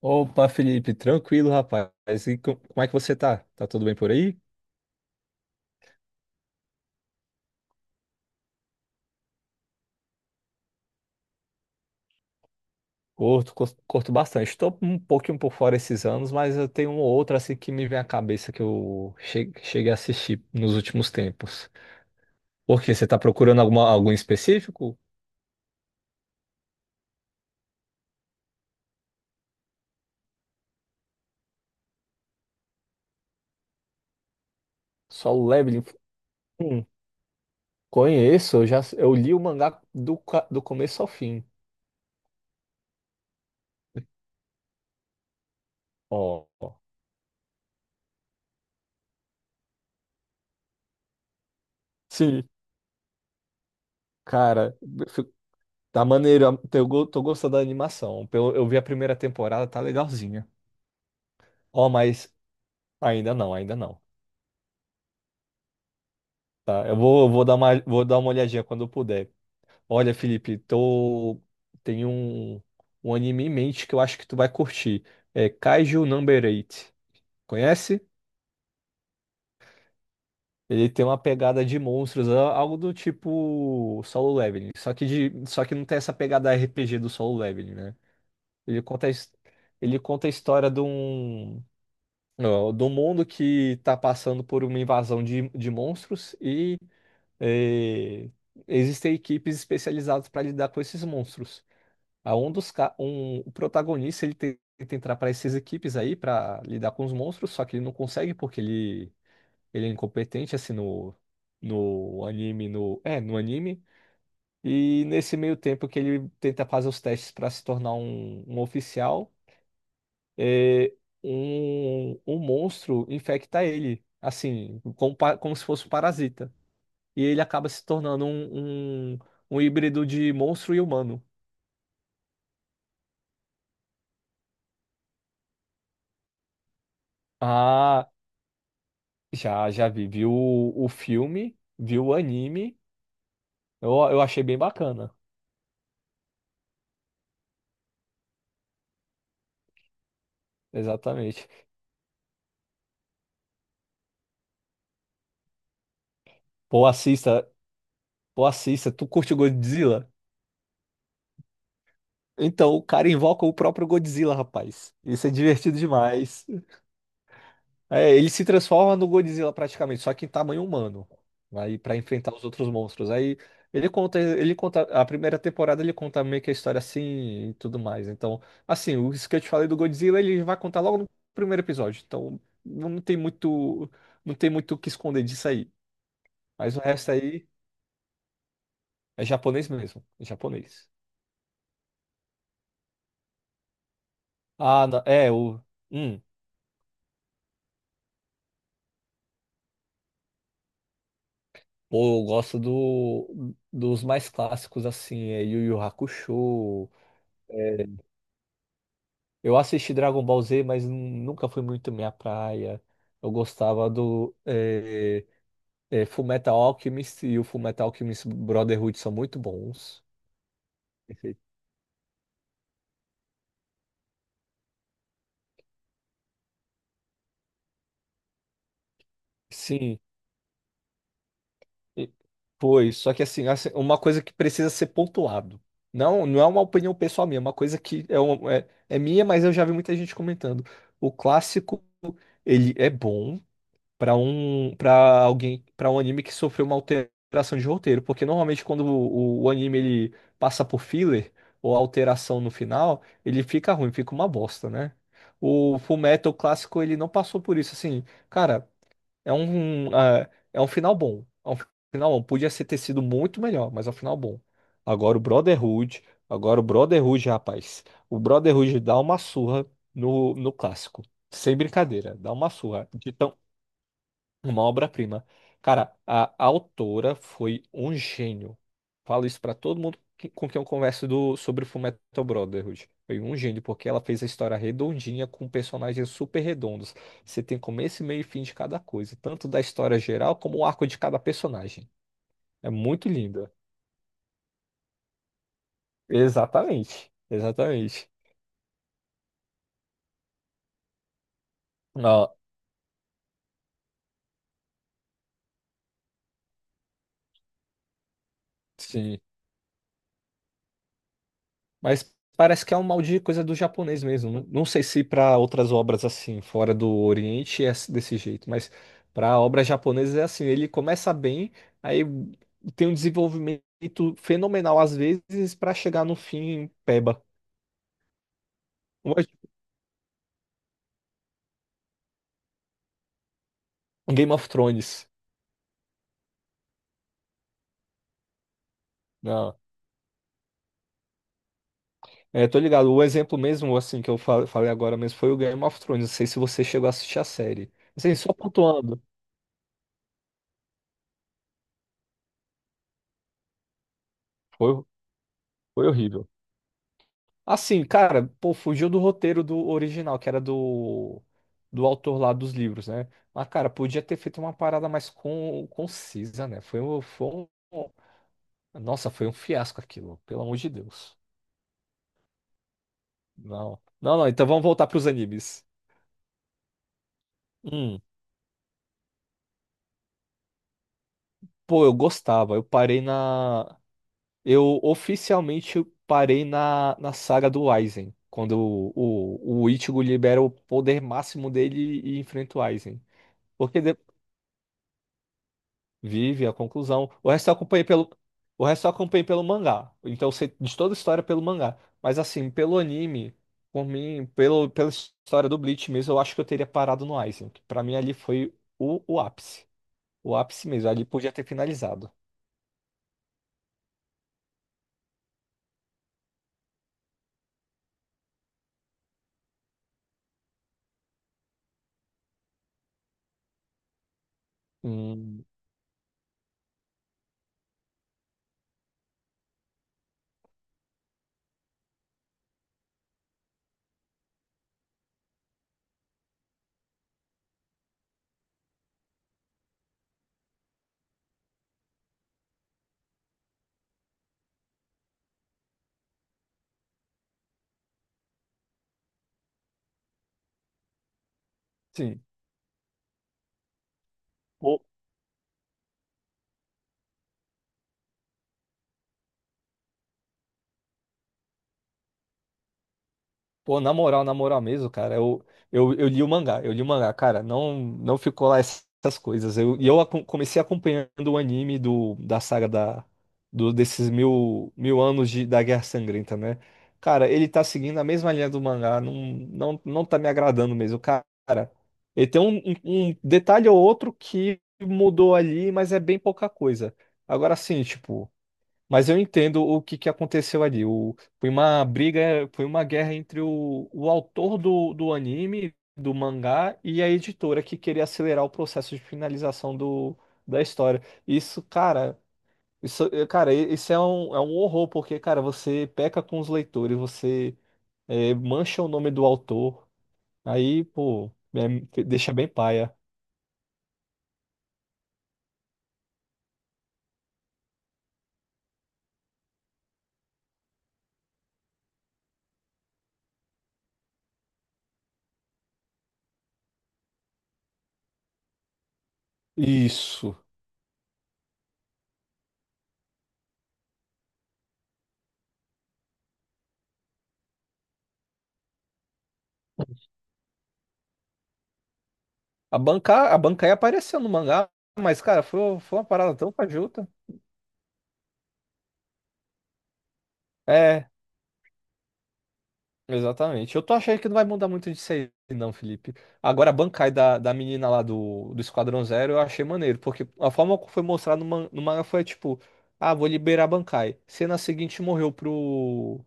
Opa, Felipe, tranquilo, rapaz. Como é que você tá? Tá tudo bem por aí? Curto bastante. Estou um pouquinho por fora esses anos, mas eu tenho um ou outro assim que me vem à cabeça que eu cheguei a assistir nos últimos tempos. Por quê? Você tá procurando algum específico? Solo Leveling? Hum, conheço, eu já eu li o mangá do começo ao fim. Ó. Sim, cara, fi- tá maneiro, tô gostando da animação. Eu vi a primeira temporada, tá legalzinha. Ó, mas Ainda não, ainda não. Tá? Eu vou dar vou dar uma olhadinha quando eu puder. Olha, Felipe, tô... tem um, um anime em mente que eu acho que tu vai curtir. É Kaiju Number 8. Conhece? Ele tem uma pegada de monstros, algo do tipo Solo Leveling. Só que não tem essa pegada RPG do Solo Leveling, né? Ele conta, a his- ele conta a história ó, de um mundo que tá passando por uma invasão de monstros eh, existem equipes especializadas para lidar com esses monstros. A um dos ca- um, o protagonista ele tenta entrar para essas equipes aí para lidar com os monstros, só que ele não consegue porque ele é incompetente assim no anime. E nesse meio tempo que ele tenta fazer os testes para se tornar um oficial, é um, um monstro infecta ele assim como, como se fosse um parasita, e ele acaba se tornando um híbrido de monstro e humano. Ah, já, já vi. Vi o filme, vi o anime. Eu achei bem bacana. Exatamente. Pô, assista, pô, assista. Tu curte o Godzilla? Então, o cara invoca o próprio Godzilla, rapaz. Isso é divertido demais. É, ele se transforma no Godzilla praticamente, só que em tamanho humano. Aí para enfrentar os outros monstros. Aí ele conta a primeira temporada, ele conta meio que a história assim e tudo mais. Então, assim, o isso que eu te falei do Godzilla, ele vai contar logo no primeiro episódio. Então, não tem muito, não tem muito o que esconder disso aí. Mas o resto aí é japonês mesmo, é japonês. Ah, não, é o hum, pô, eu gosto do, dos mais clássicos assim, é Yu Yu Hakusho. É, eu assisti Dragon Ball Z, mas nunca foi muito minha praia. Eu gostava do Fullmetal Alchemist, e o Fullmetal Alchemist Brotherhood são muito bons. Perfeito. Sim, e- foi. Só que assim, assim, uma coisa que precisa ser pontuado. Não, não é uma opinião pessoal minha, é uma coisa que é minha, mas eu já vi muita gente comentando. O clássico, ele é bom, para um anime que sofreu uma alteração de roteiro, porque normalmente quando o anime ele passa por filler ou alteração no final, ele fica ruim, fica uma bosta, né? O Fullmetal clássico ele não passou por isso, assim, cara, é um é um final bom, é um final bom, podia ser ter sido muito melhor, mas é um final bom. Agora o Brotherhood, agora o Brotherhood, rapaz, o Brotherhood dá uma surra no clássico. Sem brincadeira, dá uma surra. Uma obra-prima. Cara, autora foi um gênio. Falo isso pra todo mundo com quem eu converso sobre Fullmetal Brotherhood. Foi um gênio, porque ela fez a história redondinha com personagens super redondos. Você tem começo, meio e fim de cada coisa, tanto da história geral como o arco de cada personagem. É muito linda. Exatamente. Exatamente. Ah, sim. Mas parece que é um mal de coisa do japonês mesmo. Não, não sei se para outras obras assim, fora do Oriente, é desse jeito, mas para obras japonesas é assim: ele começa bem, aí tem um desenvolvimento fenomenal às vezes para chegar no fim peba. Um Game of Thrones. Não. É, tô ligado. O exemplo mesmo, assim, que eu falei agora mesmo foi o Game of Thrones. Não sei se você chegou a assistir a série. Assim, só pontuando. Foi, foi horrível. Assim, cara, pô, fugiu do roteiro do original, que era do autor lá dos livros, né? Mas, cara, podia ter feito uma parada mais concisa, né? Foi um, foi um. Nossa, foi um fiasco aquilo, pelo amor de Deus. Não. Não, não, então vamos voltar pros animes. Hum, pô, eu gostava. Eu oficialmente parei na saga do Aizen. Quando o Ichigo libera o poder máximo dele e enfrenta o Aizen. Porque de- Vive a conclusão. O resto eu acompanhei pelo mangá. Então eu sei de toda a história pelo mangá. Mas assim, pelo anime, por mim, pela história do Bleach mesmo, eu acho que eu teria parado no Aizen. Que Pra mim ali foi o ápice. O ápice mesmo. Ali podia ter finalizado. Hum, sim. Pô, na moral mesmo, cara, eu li o mangá, eu li o mangá, cara, não ficou lá essas coisas. Eu, e eu comecei acompanhando o anime da saga desses mil, mil anos da Guerra Sangrenta, né? Cara, ele tá seguindo a mesma linha do mangá, não tá me agradando mesmo, cara. Ele tem um um detalhe ou outro que mudou ali, mas é bem pouca coisa. Agora sim, tipo. Mas eu entendo que aconteceu ali. O, foi uma briga, foi uma guerra entre o autor do anime, do mangá, e a editora que queria acelerar o processo de finalização da história. Isso, cara, isso, cara, isso é um horror, porque, cara, você peca com os leitores, você é, mancha o nome do autor, aí, pô, é, deixa bem paia. Isso. A Bankai apareceu no mangá, mas, cara, foi uma parada tão fajuta. É. Exatamente. Eu tô achando que não vai mudar muito disso aí, não, Felipe. Agora, a Bankai da menina lá do Esquadrão Zero eu achei maneiro, porque a forma que foi mostrado no manga foi tipo: ah, vou liberar a Bankai. Cena seguinte morreu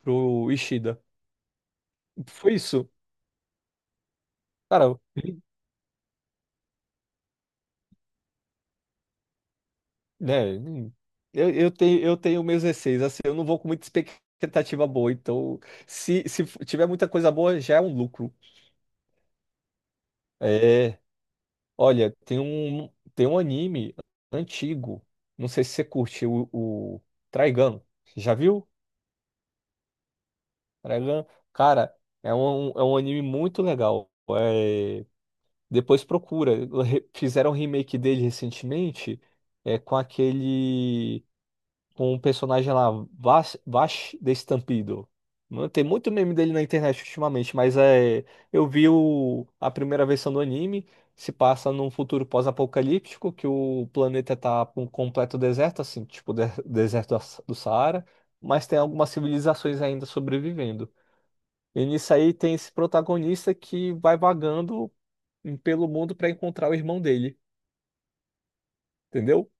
pro Ishida. Foi isso. Cara, né? Eu tenho meus receios, assim, eu não vou com muita expectativa boa, então se tiver muita coisa boa, já é um lucro. É. Olha, tem um anime antigo. Não sei se você curte o Trigun. Já viu? Trigun, cara, é um anime muito legal. É, depois procura. Fizeram um remake dele recentemente, é, com um personagem lá, Vash, Vash Destampido. Mano, tem muito meme dele na internet ultimamente, mas é, eu vi a primeira versão do anime, se passa num futuro pós-apocalíptico, que o planeta tá com um completo deserto, assim, deserto do Saara, mas tem algumas civilizações ainda sobrevivendo. E nisso aí tem esse protagonista que vai vagando pelo mundo para encontrar o irmão dele, entendeu?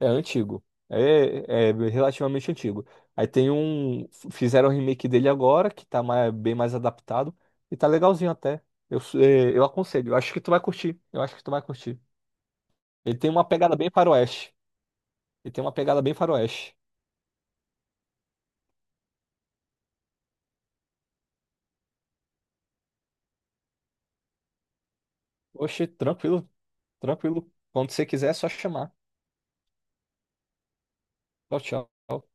É antigo. É, é relativamente antigo. Aí tem um. Fizeram o remake dele agora, que tá bem mais adaptado. E tá legalzinho até. Eu, eu aconselho. Eu acho que tu vai curtir. Eu acho que tu vai curtir. Ele tem uma pegada bem faroeste. Ele tem uma pegada bem faroeste. Oxe, tranquilo, tranquilo. Quando você quiser, é só chamar. Tchau, tchau.